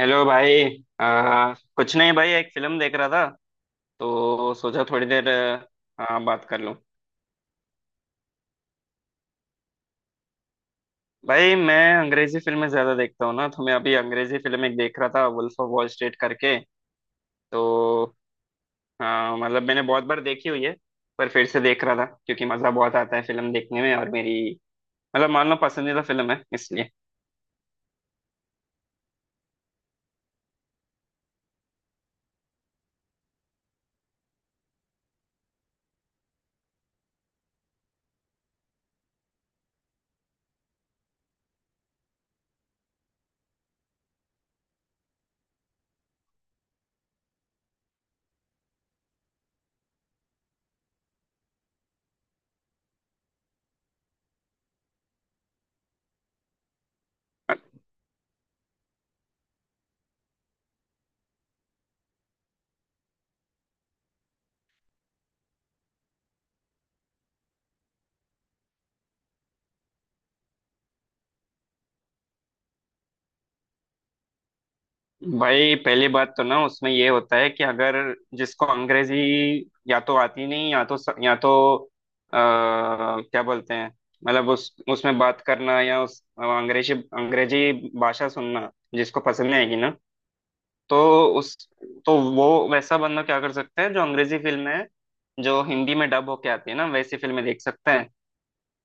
Hello भाई। कुछ नहीं भाई, एक फिल्म देख रहा था तो सोचा थोड़ी देर बात कर लूं। भाई, मैं अंग्रेजी फिल्में ज्यादा देखता हूँ ना, तो मैं अभी अंग्रेजी फिल्म एक देख रहा था, वुल्फ ऑफ वॉल स्ट्रीट करके। तो मतलब मैंने बहुत बार देखी हुई है, पर फिर से देख रहा था क्योंकि मजा बहुत आता है फिल्म देखने में, और मेरी मतलब मान लो पसंदीदा फिल्म है इसलिए। भाई, पहली बात तो ना उसमें ये होता है कि अगर जिसको अंग्रेजी या तो आती नहीं, या तो आ, क्या बोलते हैं, मतलब उस उसमें बात करना या उस अंग्रेजी अंग्रेजी भाषा सुनना जिसको पसंद नहीं आएगी ना। तो उस तो वो वैसा बंदा क्या कर सकता है, जो अंग्रेजी फिल्म है जो हिंदी में डब होके आती है ना, वैसी फिल्में देख सकता है,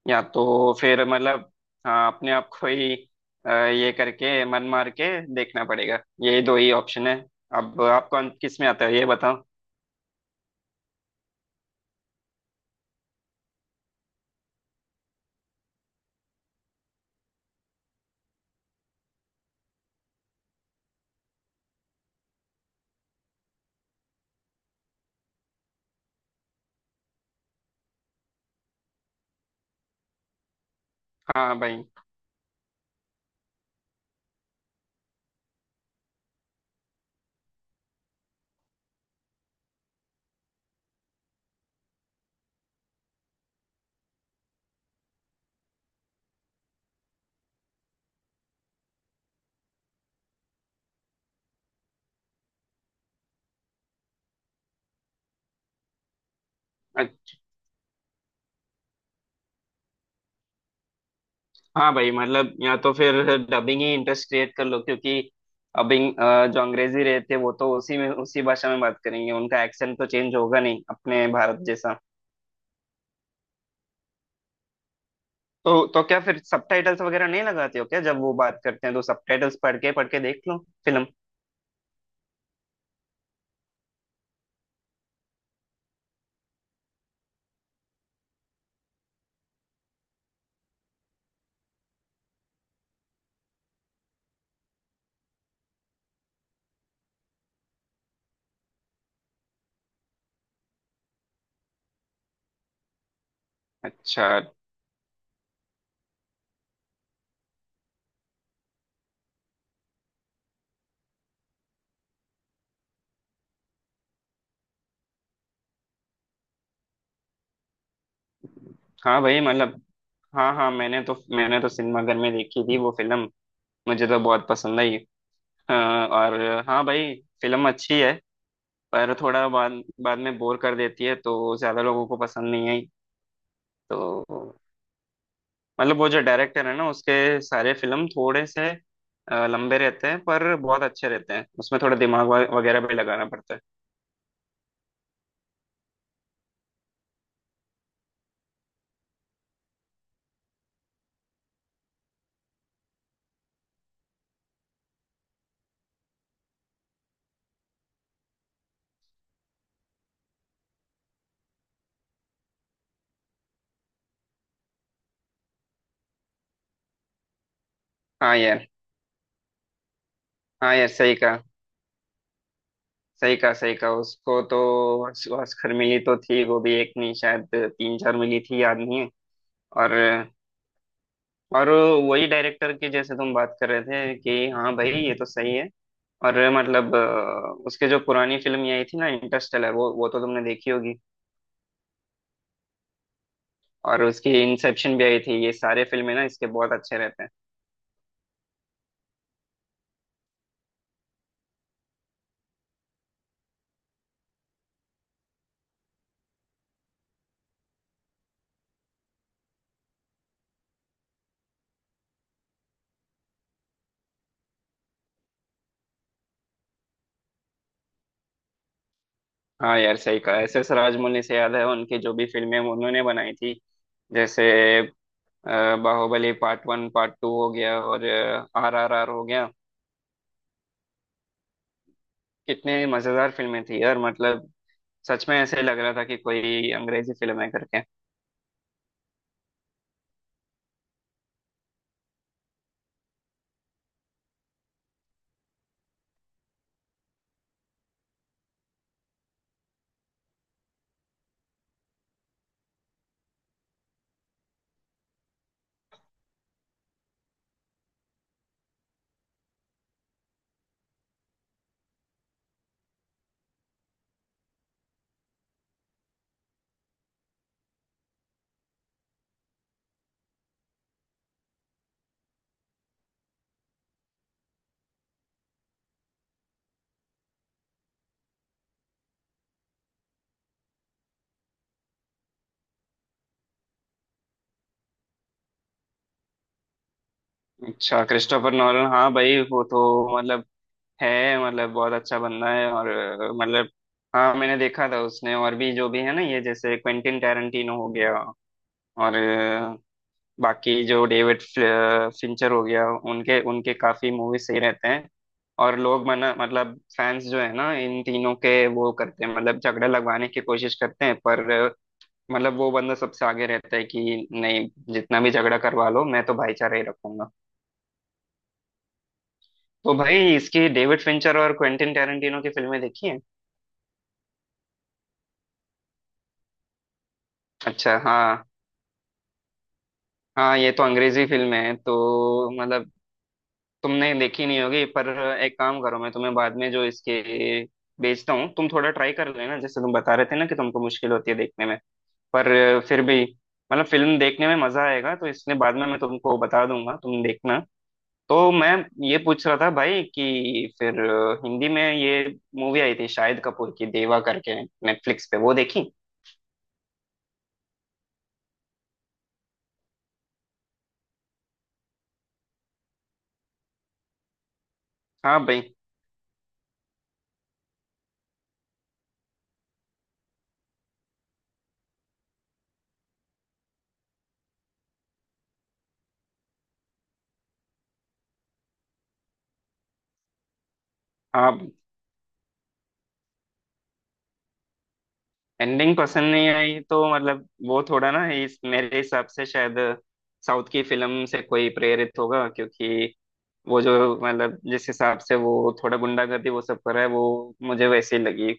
या तो फिर मतलब हाँ, अपने आप को ही ये करके मन मार के देखना पड़ेगा, यही दो ही ऑप्शन है। अब आप कौन किस में आता है ये बताओ। हाँ भाई। अ- हाँ भाई, मतलब या तो फिर डबिंग ही इंटरेस्ट क्रिएट कर लो, क्योंकि अबिंग जो अंग्रेजी रहते वो तो उसी में उसी भाषा में बात करेंगे, उनका एक्सेंट तो चेंज होगा नहीं, अपने भारत जैसा। तो क्या फिर सबटाइटल्स वगैरह नहीं लगाते हो क्या? जब वो बात करते हैं तो सबटाइटल्स पढ़ के देख लो फिल्म। अच्छा। हाँ भाई, मतलब हाँ हाँ, मैंने तो सिनेमाघर में देखी थी वो फिल्म। मुझे तो बहुत पसंद आई। और हाँ भाई, फिल्म अच्छी है, पर थोड़ा बाद बाद में बोर कर देती है तो ज्यादा लोगों को पसंद नहीं आई। तो मतलब वो जो डायरेक्टर है ना, उसके सारे फिल्म थोड़े से लंबे रहते हैं, पर बहुत अच्छे रहते हैं, उसमें थोड़ा दिमाग वगैरह भी लगाना पड़ता है। हाँ यार, हाँ यार, सही कहा, सही कहा, सही कहा। उसको तो ऑस्कर मिली तो थी, वो भी एक नहीं शायद तीन चार मिली थी, याद नहीं है। और और वही डायरेक्टर की, जैसे तुम बात कर रहे थे कि हाँ भाई, ये तो सही है। और मतलब उसके जो पुरानी फिल्म ये आई थी ना, इंटरस्टेलर, वो तो तुमने देखी होगी। और उसकी इंसेप्शन भी आई थी, ये सारे फिल्में ना इसके बहुत अच्छे रहते हैं। हाँ यार, सही कहा, एस एस राजमौली से याद है उनकी जो भी फिल्में उन्होंने बनाई थी। जैसे अ, बाहुबली पार्ट 1 पार्ट 2 हो गया, और RRR हो गया। कितने मजेदार फिल्में थी यार, मतलब सच में ऐसे लग रहा था कि कोई अंग्रेजी फिल्म है करके। अच्छा, क्रिस्टोफर नॉलन, हाँ भाई, वो तो मतलब है, मतलब बहुत अच्छा बंदा है, और मतलब हाँ, मैंने देखा था, उसने और भी जो भी है ना, ये जैसे क्वेंटिन टैरेंटिनो हो गया। और बाकी जो डेविड फिंचर हो गया, उनके उनके काफी मूवी सही रहते हैं। और लोग मना, मतलब फैंस जो है ना, इन तीनों के, वो करते हैं मतलब झगड़ा लगवाने की कोशिश करते हैं, पर मतलब वो बंदा सबसे आगे रहता है कि नहीं, जितना भी झगड़ा करवा लो मैं तो भाईचारा ही रखूंगा। तो भाई, इसकी डेविड फिंचर और क्वेंटिन टेरेंटिनो की फिल्में देखी हैं? अच्छा। हाँ हाँ, ये तो अंग्रेजी फिल्म है तो मतलब तुमने देखी नहीं होगी, पर एक काम करो, मैं तुम्हें बाद में जो इसके भेजता हूँ तुम थोड़ा ट्राई कर लेना, जैसे तुम बता रहे थे ना कि तुमको मुश्किल होती है देखने में, पर फिर भी मतलब फिल्म देखने में मजा आएगा, तो इसलिए बाद में मैं तुमको बता दूंगा, तुम देखना। तो मैं ये पूछ रहा था भाई कि फिर हिंदी में ये मूवी आई थी शाहिद कपूर की, देवा करके, नेटफ्लिक्स पे, वो देखी? हाँ भाई, हाँ। एंडिंग पसंद नहीं आई तो मतलब वो थोड़ा ना, इस मेरे हिसाब से शायद साउथ की फिल्म से कोई प्रेरित होगा, क्योंकि वो जो मतलब जिस हिसाब से वो थोड़ा गुंडागर्दी वो सब कर रहा है, वो मुझे वैसे ही लगी।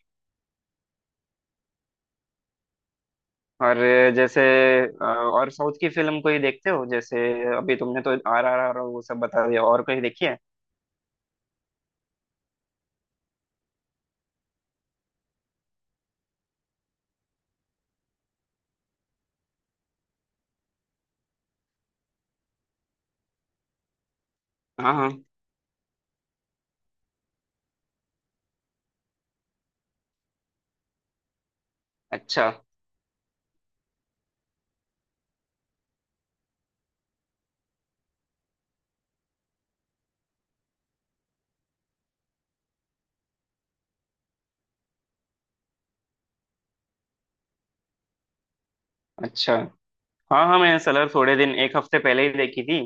और जैसे और साउथ की फिल्म कोई देखते हो? जैसे अभी तुमने तो RRR वो सब बता दिया, और कोई देखी है? हाँ हाँ, अच्छा अच्छा, हाँ हाँ, मैं सलर थोड़े दिन, एक हफ्ते पहले ही देखी थी।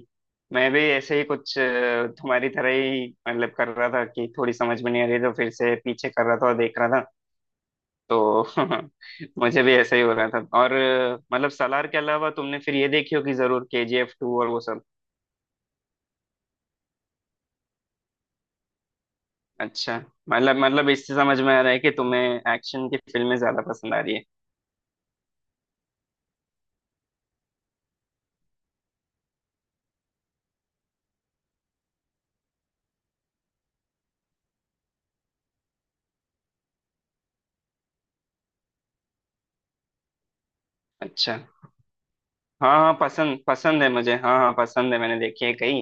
मैं भी ऐसे ही कुछ तुम्हारी तरह ही मतलब कर रहा था कि थोड़ी समझ में नहीं आ रही, तो फिर से पीछे कर रहा था और देख रहा था। तो मुझे भी ऐसा ही हो रहा था, और मतलब सलार के अलावा तुमने फिर ये देखी होगी जरूर, KGF 2 और वो सब। अच्छा, मतलब इससे समझ में आ रहा है कि तुम्हें एक्शन की फिल्में ज्यादा पसंद आ रही है। अच्छा। हाँ हाँ, पसंद पसंद है मुझे, हाँ हाँ पसंद है, मैंने देखी है कई।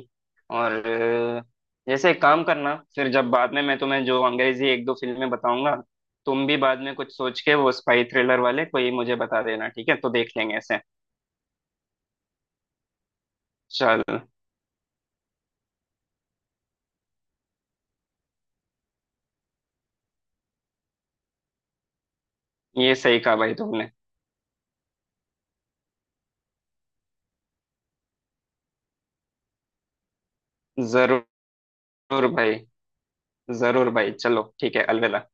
और जैसे एक काम करना, फिर जब बाद में मैं तुम्हें जो अंग्रेजी एक दो फिल्में बताऊंगा, तुम भी बाद में कुछ सोच के वो स्पाई थ्रिलर वाले कोई मुझे बता देना, ठीक है तो देख लेंगे ऐसे। चल, ये सही कहा भाई तुमने। जरूर भाई, जरूर भाई, चलो ठीक है, अलविदा।